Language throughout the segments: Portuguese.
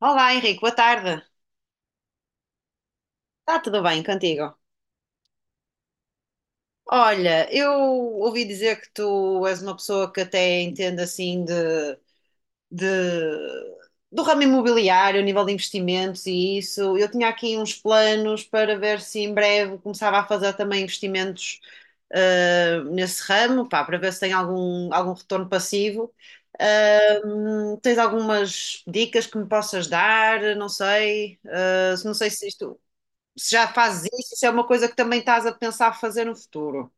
Olá, Henrique, boa tarde. Está tudo bem contigo? Olha, eu ouvi dizer que tu és uma pessoa que até entende assim de- do ramo imobiliário, a nível de investimentos e isso. Eu tinha aqui uns planos para ver se em breve começava a fazer também investimentos nesse ramo, pá, para ver se tem algum, algum retorno passivo. Tens algumas dicas que me possas dar? Não sei, não sei se isto. Se já fazes isso, isso é uma coisa que também estás a pensar fazer no futuro.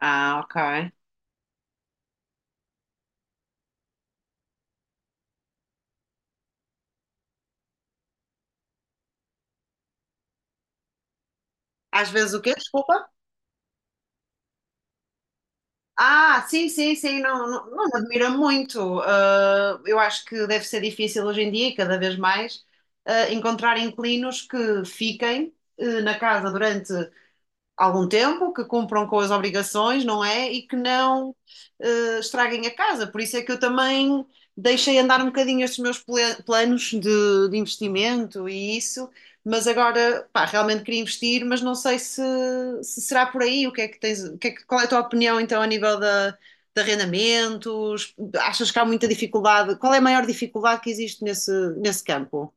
Ah, ok. Às vezes o quê? Desculpa? Ah, sim, sim, sim, não, não, não me admira muito. Ah, eu acho que deve ser difícil hoje em dia, e cada vez mais, encontrar inquilinos que fiquem na casa durante algum tempo, que cumpram com as obrigações, não é? E que não estraguem a casa. Por isso é que eu também deixei andar um bocadinho estes meus planos de investimento e isso, mas agora, pá, realmente queria investir, mas não sei se será por aí. O que é que tens, o que é que- qual é a tua opinião então a nível de arrendamentos? Achas que há muita dificuldade? Qual é a maior dificuldade que existe nesse campo?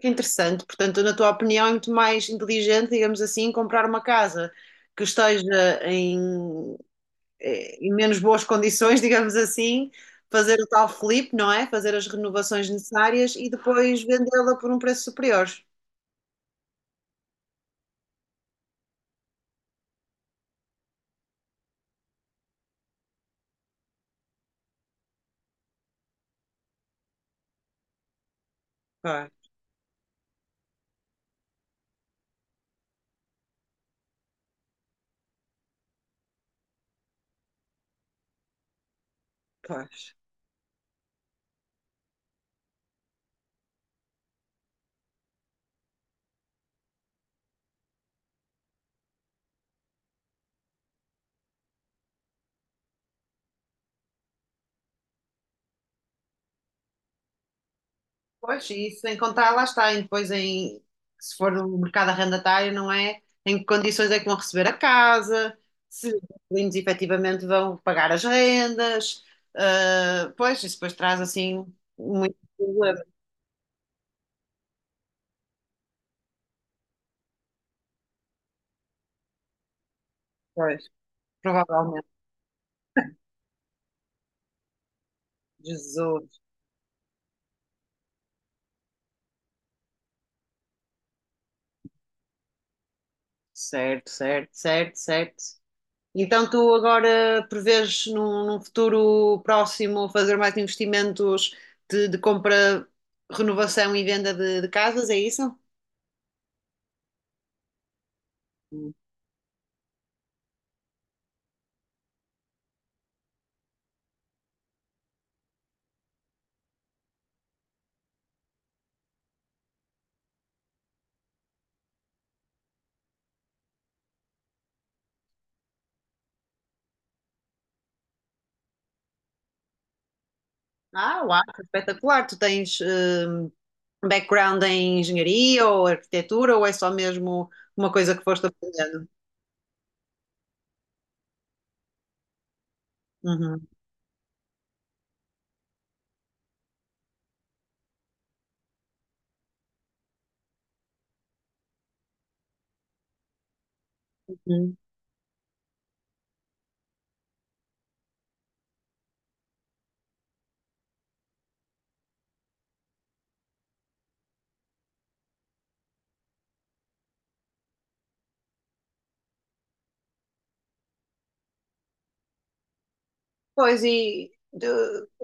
Que é interessante. Portanto, na tua opinião, é muito mais inteligente, digamos assim, comprar uma casa que esteja em menos boas condições, digamos assim, fazer o tal flip, não é? Fazer as renovações necessárias e depois vendê-la por um preço superior. Pois, pois. Pois, e isso sem contar, lá está, e depois se for no mercado arrendatário, não é? Em que condições é que vão receber a casa, se os inquilinos efetivamente vão pagar as rendas, ah, pois, isso depois traz assim muito problema, pois, provavelmente. Jesus, certo, certo, certo, certo. Então tu agora prevês num futuro próximo fazer mais investimentos de compra, renovação e venda de casas, é isso? Ah, uau, espetacular. Tu tens background em engenharia ou arquitetura ou é só mesmo uma coisa que foste aprendendo? Uhum. Uhum. Pois,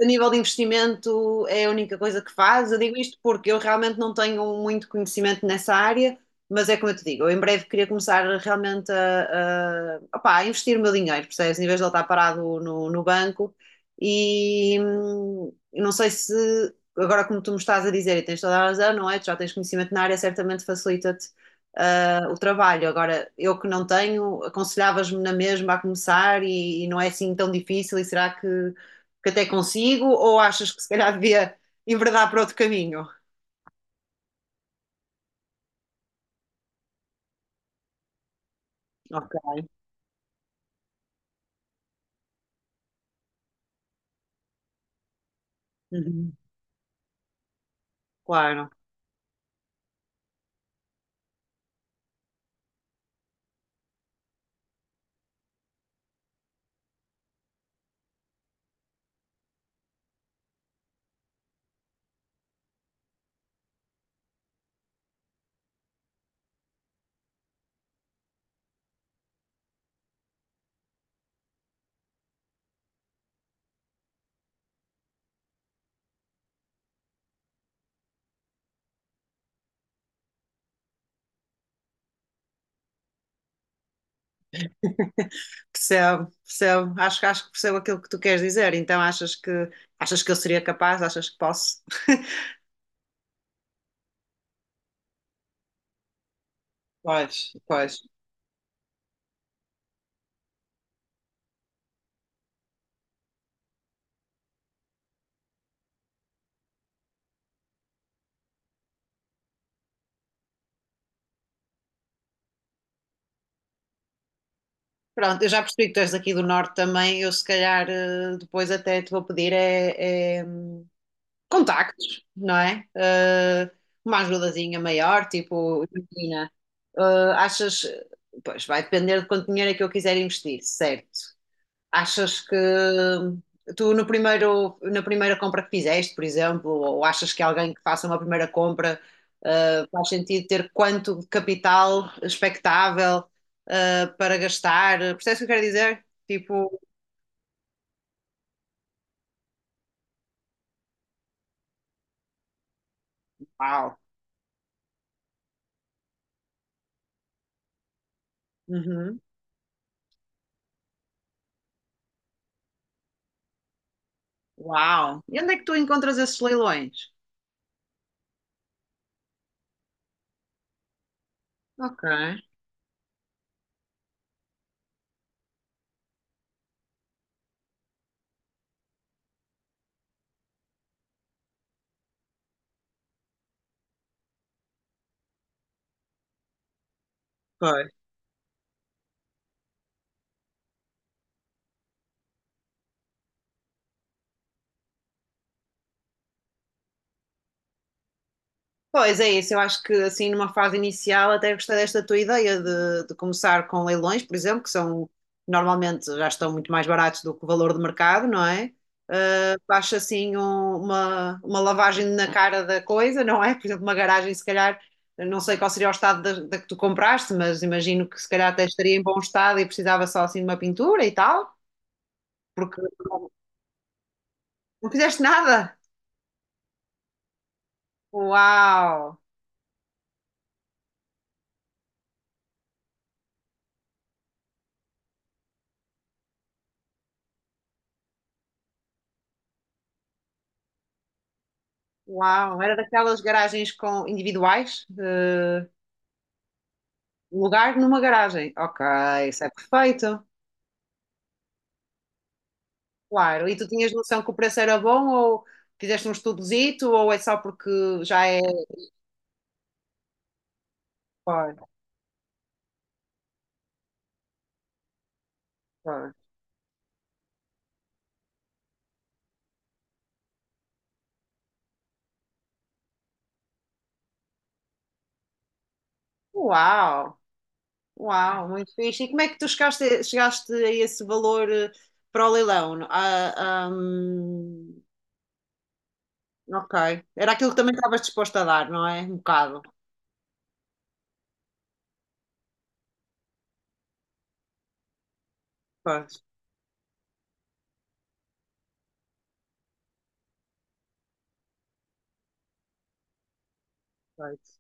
a nível de investimento é a única coisa que faz. Eu digo isto porque eu realmente não tenho muito conhecimento nessa área, mas é como eu te digo, eu em breve queria começar realmente opá, a investir o meu dinheiro, percebes? Em vez de ele estar parado no banco. E eu não sei se, agora como tu me estás a dizer, e tens toda a razão, não é? Tu já tens conhecimento na área, certamente facilita-te o trabalho. Agora, eu que não tenho, aconselhavas-me na mesma a começar, e não é assim tão difícil, e que até consigo? Ou achas que se calhar devia enverdar para outro caminho? Ok. Uhum. Claro. Percebo, percebo, acho que percebo aquilo que tu queres dizer, então achas que eu seria capaz, achas que posso? Pois, pois. Pronto, eu já percebi que tu és aqui do norte também, eu se calhar depois até te vou pedir é, contactos, não é? Uma ajudazinha maior, tipo, imagina, eh, achas, pois vai depender de quanto dinheiro é que eu quiser investir, certo? Achas que tu no na primeira compra que fizeste, por exemplo, ou achas que alguém que faça uma primeira compra, faz sentido ter quanto de capital expectável, para gastar? Percebes o que eu quero dizer? Tipo, uau, uhum, uau. E onde é que tu encontras esses leilões? Ok. Pois. Pois é isso, eu acho que assim numa fase inicial até gostei desta tua ideia de começar com leilões, por exemplo, que são normalmente já estão muito mais baratos do que o valor de mercado, não é? Acho assim uma lavagem na cara da coisa, não é? Por exemplo, uma garagem, se calhar, não sei qual seria o estado da que tu compraste, mas imagino que se calhar até estaria em bom estado e precisava só assim de uma pintura e tal, porque não, não fizeste nada. Uau! Uau, era daquelas garagens com individuais? Lugar numa garagem. Ok, isso é perfeito. Claro, e tu tinhas noção que o preço era bom ou fizeste um estudozito ou é só porque já é. Claro, claro. Uau, uau, muito fixe. E como é que tu chegaste a esse valor para o leilão? Ok, era aquilo que também estavas disposto a dar, não é? Um bocado. Pois, pois.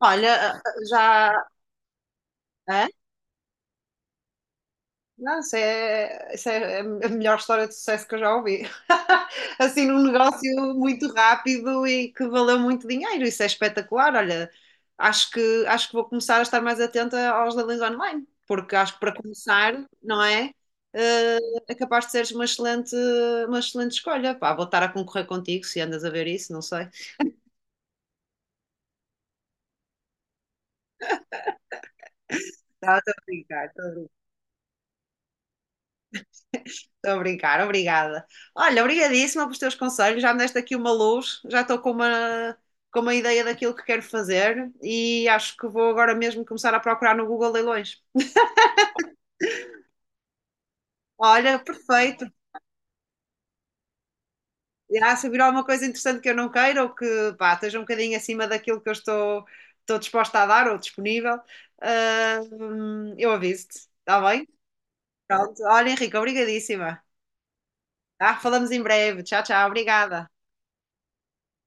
Olha, já. Hã? Não, isso é a melhor história de sucesso que eu já ouvi. Assim, num negócio muito rápido e que valeu muito dinheiro. Isso é espetacular. Olha, acho que vou começar a estar mais atenta aos leilões online, porque acho que para começar, não é? Eh, é capaz de seres uma excelente escolha. Pá, vou estar a concorrer contigo se andas a ver isso, não sei. Tá, estou a brincar, estou a brincar. Estou a brincar, obrigada. Olha, obrigadíssima pelos teus conselhos, já me deste aqui uma luz, já estou com uma ideia daquilo que quero fazer e acho que vou agora mesmo começar a procurar no Google Leilões. Olha, perfeito. Já se vir alguma coisa interessante que eu não queira ou que pá, esteja um bocadinho acima daquilo que estou disposta a dar ou disponível, eu aviso-te, está bem? Pronto. Olha, Henrique, obrigadíssima. Tá? Falamos em breve. Tchau, tchau, obrigada.